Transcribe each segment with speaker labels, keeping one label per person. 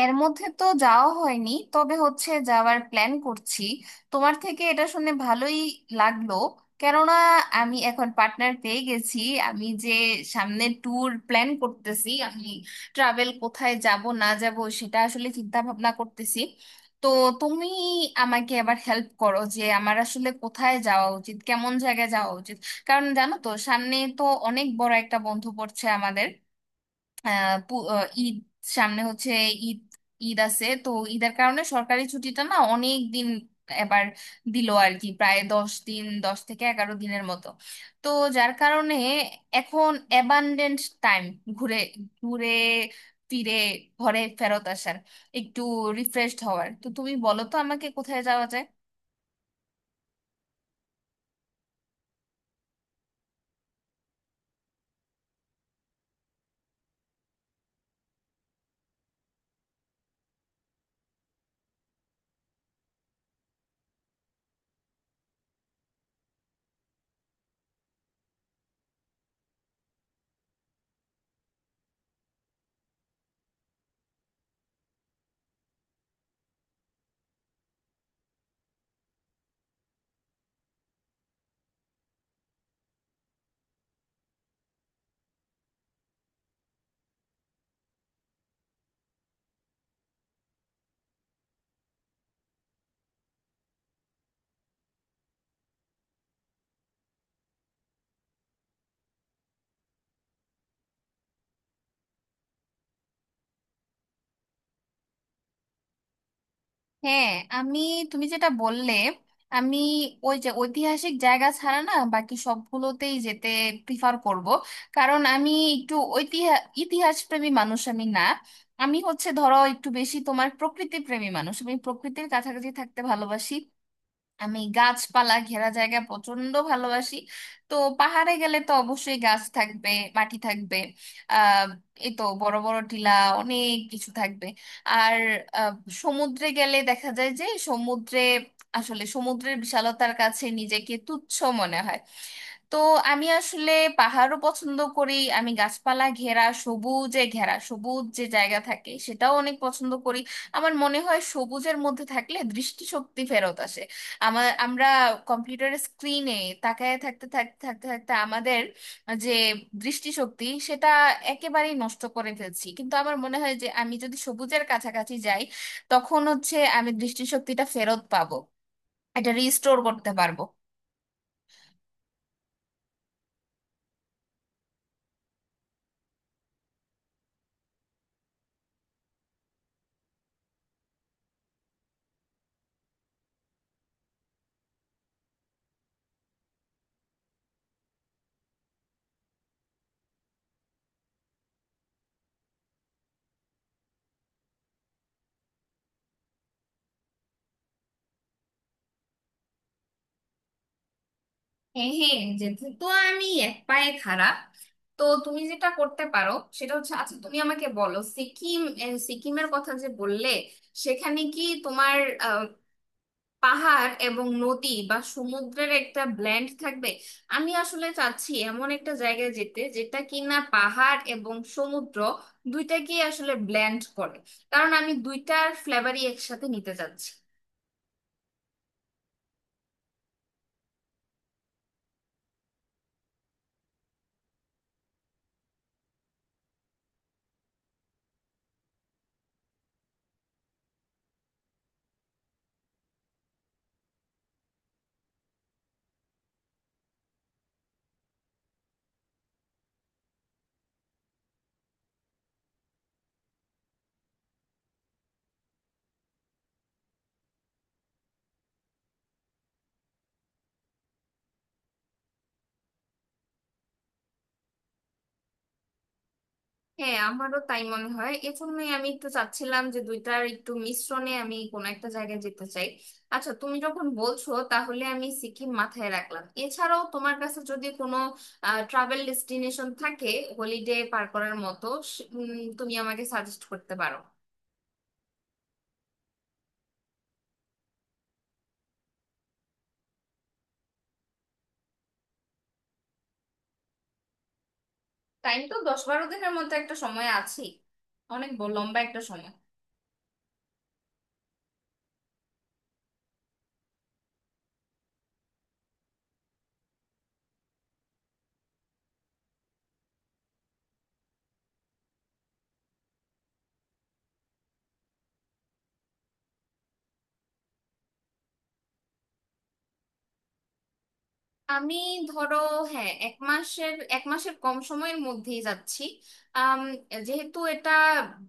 Speaker 1: এর মধ্যে তো যাওয়া হয়নি, তবে হচ্ছে যাওয়ার প্ল্যান করছি। তোমার থেকে এটা শুনে ভালোই লাগলো। কেননা আমি এখন পার্টনার পেয়ে গেছি। আমি যে সামনে ট্যুর প্ল্যান করতেছি, আমি ট্রাভেল কোথায় যাব না যাব সেটা আসলে চিন্তা ভাবনা করতেছি। তো তুমি আমাকে এবার হেল্প করো যে আমার আসলে কোথায় যাওয়া উচিত, কেমন জায়গায় যাওয়া উচিত। কারণ জানো তো, সামনে তো অনেক বড় একটা বন্ধ পড়ছে আমাদের। ঈদ সামনে হচ্ছে। ঈদ, ঈদ আছে তো। ঈদের কারণে সরকারি ছুটিটা না অনেক দিন এবার দিল আর কি, প্রায় 10 দিন, 10 থেকে 11 দিনের মতো। তো যার কারণে এখন অ্যাবান্ডেন্ট টাইম ঘুরে ঘুরে ফিরে ঘরে ফেরত আসার, একটু রিফ্রেশড হওয়ার। তো তুমি বলো তো আমাকে কোথায় যাওয়া যায়। হ্যাঁ, আমি, তুমি যেটা বললে, আমি ওই যে ঐতিহাসিক জায়গা ছাড়া না বাকি সবগুলোতেই যেতে প্রিফার করব। কারণ আমি একটু ঐতিহাস ইতিহাস প্রেমী মানুষ, আমি না আমি হচ্ছে ধরো একটু বেশি তোমার প্রকৃতি প্রেমী মানুষ, আমি প্রকৃতির কাছাকাছি থাকতে ভালোবাসি। আমি গাছপালা ঘেরা জায়গা প্রচন্ড ভালোবাসি। তো পাহাড়ে গেলে তো অবশ্যই গাছ থাকবে, মাটি থাকবে, আহ এই তো বড় বড় টিলা, অনেক কিছু থাকবে। আর আহ, সমুদ্রে গেলে দেখা যায় যে সমুদ্রে, আসলে সমুদ্রের বিশালতার কাছে নিজেকে তুচ্ছ মনে হয়। তো আমি আসলে পাহাড়ও পছন্দ করি, আমি গাছপালা ঘেরা, সবুজে ঘেরা সবুজ যে জায়গা থাকে সেটাও অনেক পছন্দ করি। আমার মনে হয় সবুজের মধ্যে থাকলে দৃষ্টিশক্তি ফেরত আসে। আমার, আমরা কম্পিউটারের স্ক্রিনে তাকায় থাকতে থাকতে থাকতে থাকতে আমাদের যে দৃষ্টিশক্তি, সেটা একেবারেই নষ্ট করে ফেলছি। কিন্তু আমার মনে হয় যে আমি যদি সবুজের কাছাকাছি যাই, তখন হচ্ছে আমি দৃষ্টিশক্তিটা ফেরত পাবো, এটা রিস্টোর করতে পারবো। হ্যাঁ হ্যাঁ, যেহেতু তো আমি এক পায়ে খাড়া। তো তুমি যেটা করতে পারো সেটা হচ্ছে, আচ্ছা তুমি আমাকে বলো সিকিম, সিকিমের কথা যে বললে, সেখানে কি তোমার আহ, পাহাড় এবং নদী বা সমুদ্রের একটা ব্ল্যান্ড থাকবে? আমি আসলে চাচ্ছি এমন একটা জায়গায় যেতে যেটা কিনা পাহাড় এবং সমুদ্র দুইটাকেই আসলে ব্ল্যান্ড করে। কারণ আমি দুইটার ফ্লেভারই একসাথে নিতে চাচ্ছি। হ্যাঁ, আমারও তাই মনে হয়, এজন্যই আমি একটু চাচ্ছিলাম যে দুইটার একটু মিশ্রণে আমি কোনো একটা জায়গায় যেতে চাই। আচ্ছা তুমি যখন বলছো তাহলে আমি সিকিম মাথায় রাখলাম। এছাড়াও তোমার কাছে যদি কোনো ট্রাভেল ডেস্টিনেশন থাকে হলিডে পার করার মতো, সে- উম, তুমি আমাকে সাজেস্ট করতে পারো। টাইম তো 10-12 দিনের মতো একটা সময় আছে, অনেক লম্বা একটা সময়। আমি ধরো হ্যাঁ, এক মাসের কম সময়ের মধ্যেই যাচ্ছি। আম, যেহেতু এটা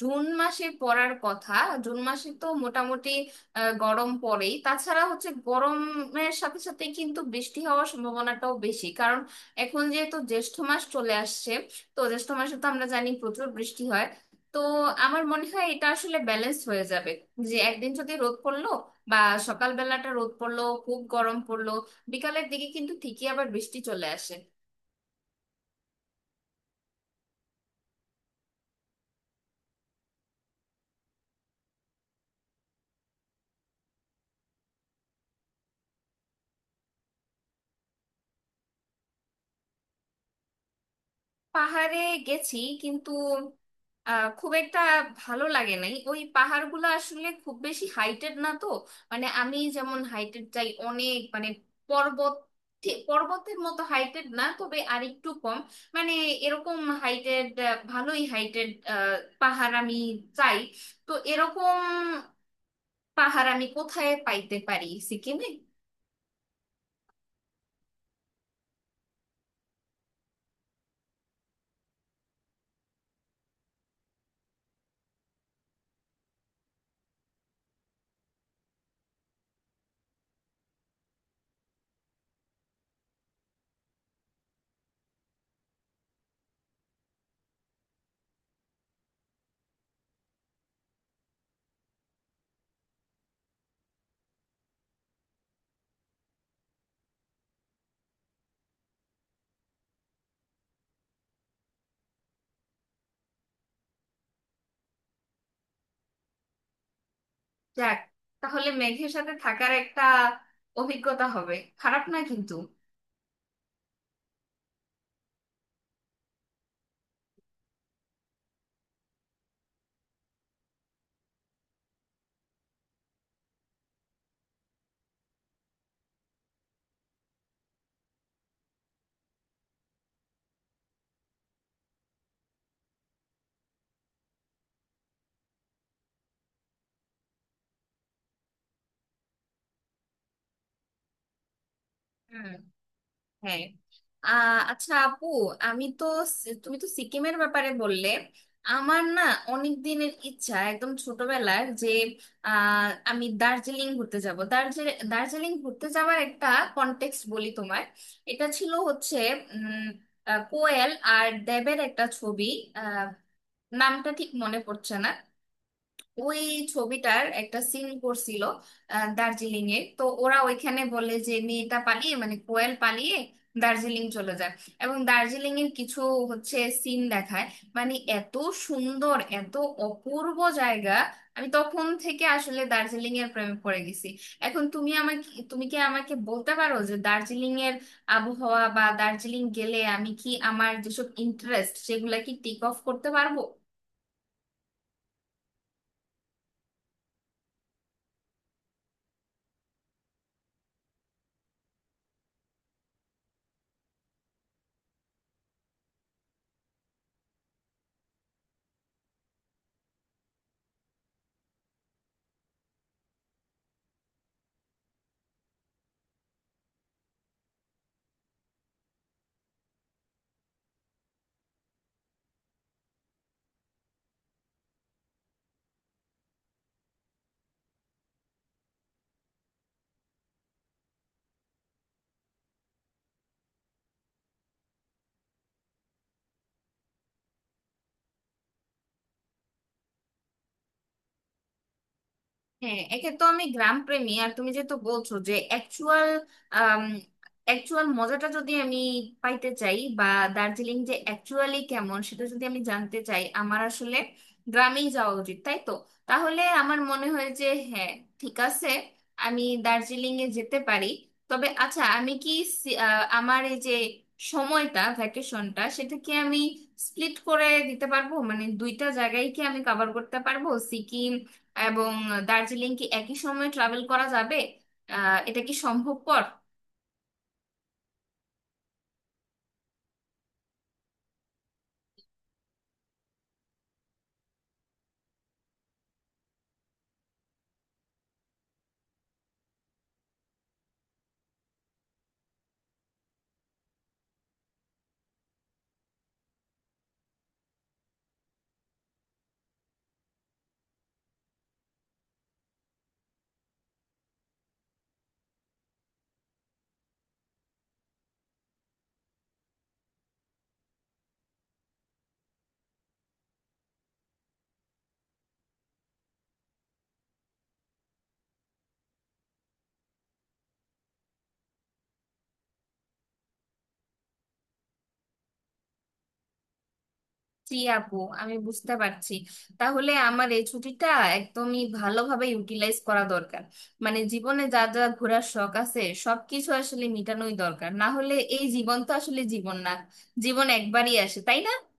Speaker 1: জুন মাসে পড়ার কথা, জুন মাসে তো মোটামুটি গরম পড়েই। তাছাড়া হচ্ছে গরমের সাথে সাথে কিন্তু বৃষ্টি হওয়ার সম্ভাবনাটাও বেশি, কারণ এখন যেহেতু জ্যৈষ্ঠ মাস চলে আসছে। তো জ্যৈষ্ঠ মাসে তো আমরা জানি প্রচুর বৃষ্টি হয়। তো আমার মনে হয় এটা আসলে ব্যালেন্স হয়ে যাবে। যে একদিন যদি রোদ পড়লো, বা সকালবেলাটা রোদ পড়লো, খুব গরম পড়লো, বিকালের দিকে কিন্তু ঠিকই আবার বৃষ্টি চলে আসে। পাহাড়ে গেছি, কিন্তু খুব একটা ভালো লাগে নাই। ওই পাহাড়গুলো আসলে খুব বেশি হাইটেড না তো। মানে আমি যেমন হাইটেড চাই, অনেক, মানে পর্বত, ঠিক পর্বতের মতো হাইটেড না, তবে আরেকটু কম মানে, এরকম হাইটেড, ভালোই হাইটেড পাহাড় আমি চাই। তো এরকম পাহাড় আমি কোথায় পাইতে পারি সিকিমে? যাক, তাহলে মেঘের সাথে থাকার একটা অভিজ্ঞতা হবে, খারাপ না কিন্তু। হুম, হ্যাঁ। আচ্ছা আপু, আমি তো তুমি তো সিকিমের ব্যাপারে বললে, আমার না অনেক দিনের ইচ্ছা একদম ছোটবেলার যে আমি দার্জিলিং ঘুরতে যাব। দার্জিলিং দার্জিলিং ঘুরতে যাওয়ার একটা কনটেক্সট বলি তোমার। এটা ছিল হচ্ছে উম কোয়েল আর দেবের একটা ছবি, আহ নামটা ঠিক মনে পড়ছে না। ওই ছবিটার একটা সিন করছিল, দার্জিলিং এ, তো ওরা ওইখানে বলে যে মেয়েটা পালিয়ে মানে কোয়েল পালিয়ে দার্জিলিং চলে যায়। এবং দার্জিলিং এর কিছু হচ্ছে সিন দেখায়, মানে এত সুন্দর, এত অপূর্ব জায়গা। আমি তখন থেকে আসলে দার্জিলিং এর প্রেমে পড়ে গেছি। এখন তুমি আমাকে, তুমি কি আমাকে বলতে পারো যে দার্জিলিং এর আবহাওয়া বা দার্জিলিং গেলে আমি কি আমার যেসব ইন্টারেস্ট সেগুলা কি টেক অফ করতে পারবো? হ্যাঁ, একে তো আমি গ্রাম প্রেমী, আর তুমি যেহেতু বলছো যে অ্যাকচুয়াল অ্যাকচুয়াল মজাটা যদি আমি পাইতে চাই, বা দার্জিলিং যে অ্যাকচুয়ালি কেমন সেটা যদি আমি জানতে চাই, আমার আসলে গ্রামেই যাওয়া উচিত, তাই তো? তাহলে আমার মনে হয় যে হ্যাঁ, ঠিক আছে, আমি দার্জিলিং এ যেতে পারি। তবে আচ্ছা, আমি কি আমার এই যে সময়টা ভ্যাকেশনটা, সেটা কি আমি স্প্লিট করে দিতে পারবো? মানে দুইটা জায়গায় কি আমি কভার করতে পারবো, সিকিম এবং দার্জিলিং কি একই সময়ে ট্রাভেল করা যাবে? এটা কি সম্ভবপর? জি আপু, আমি বুঝতে পারছি। তাহলে আমার এই ছুটিটা একদমই ভালোভাবে ইউটিলাইজ করা দরকার। মানে জীবনে যা যা ঘোরার শখ আছে সবকিছু আসলে মিটানোই দরকার, না হলে এই জীবন তো আসলে জীবন না। জীবন একবারই আসে, তাই না?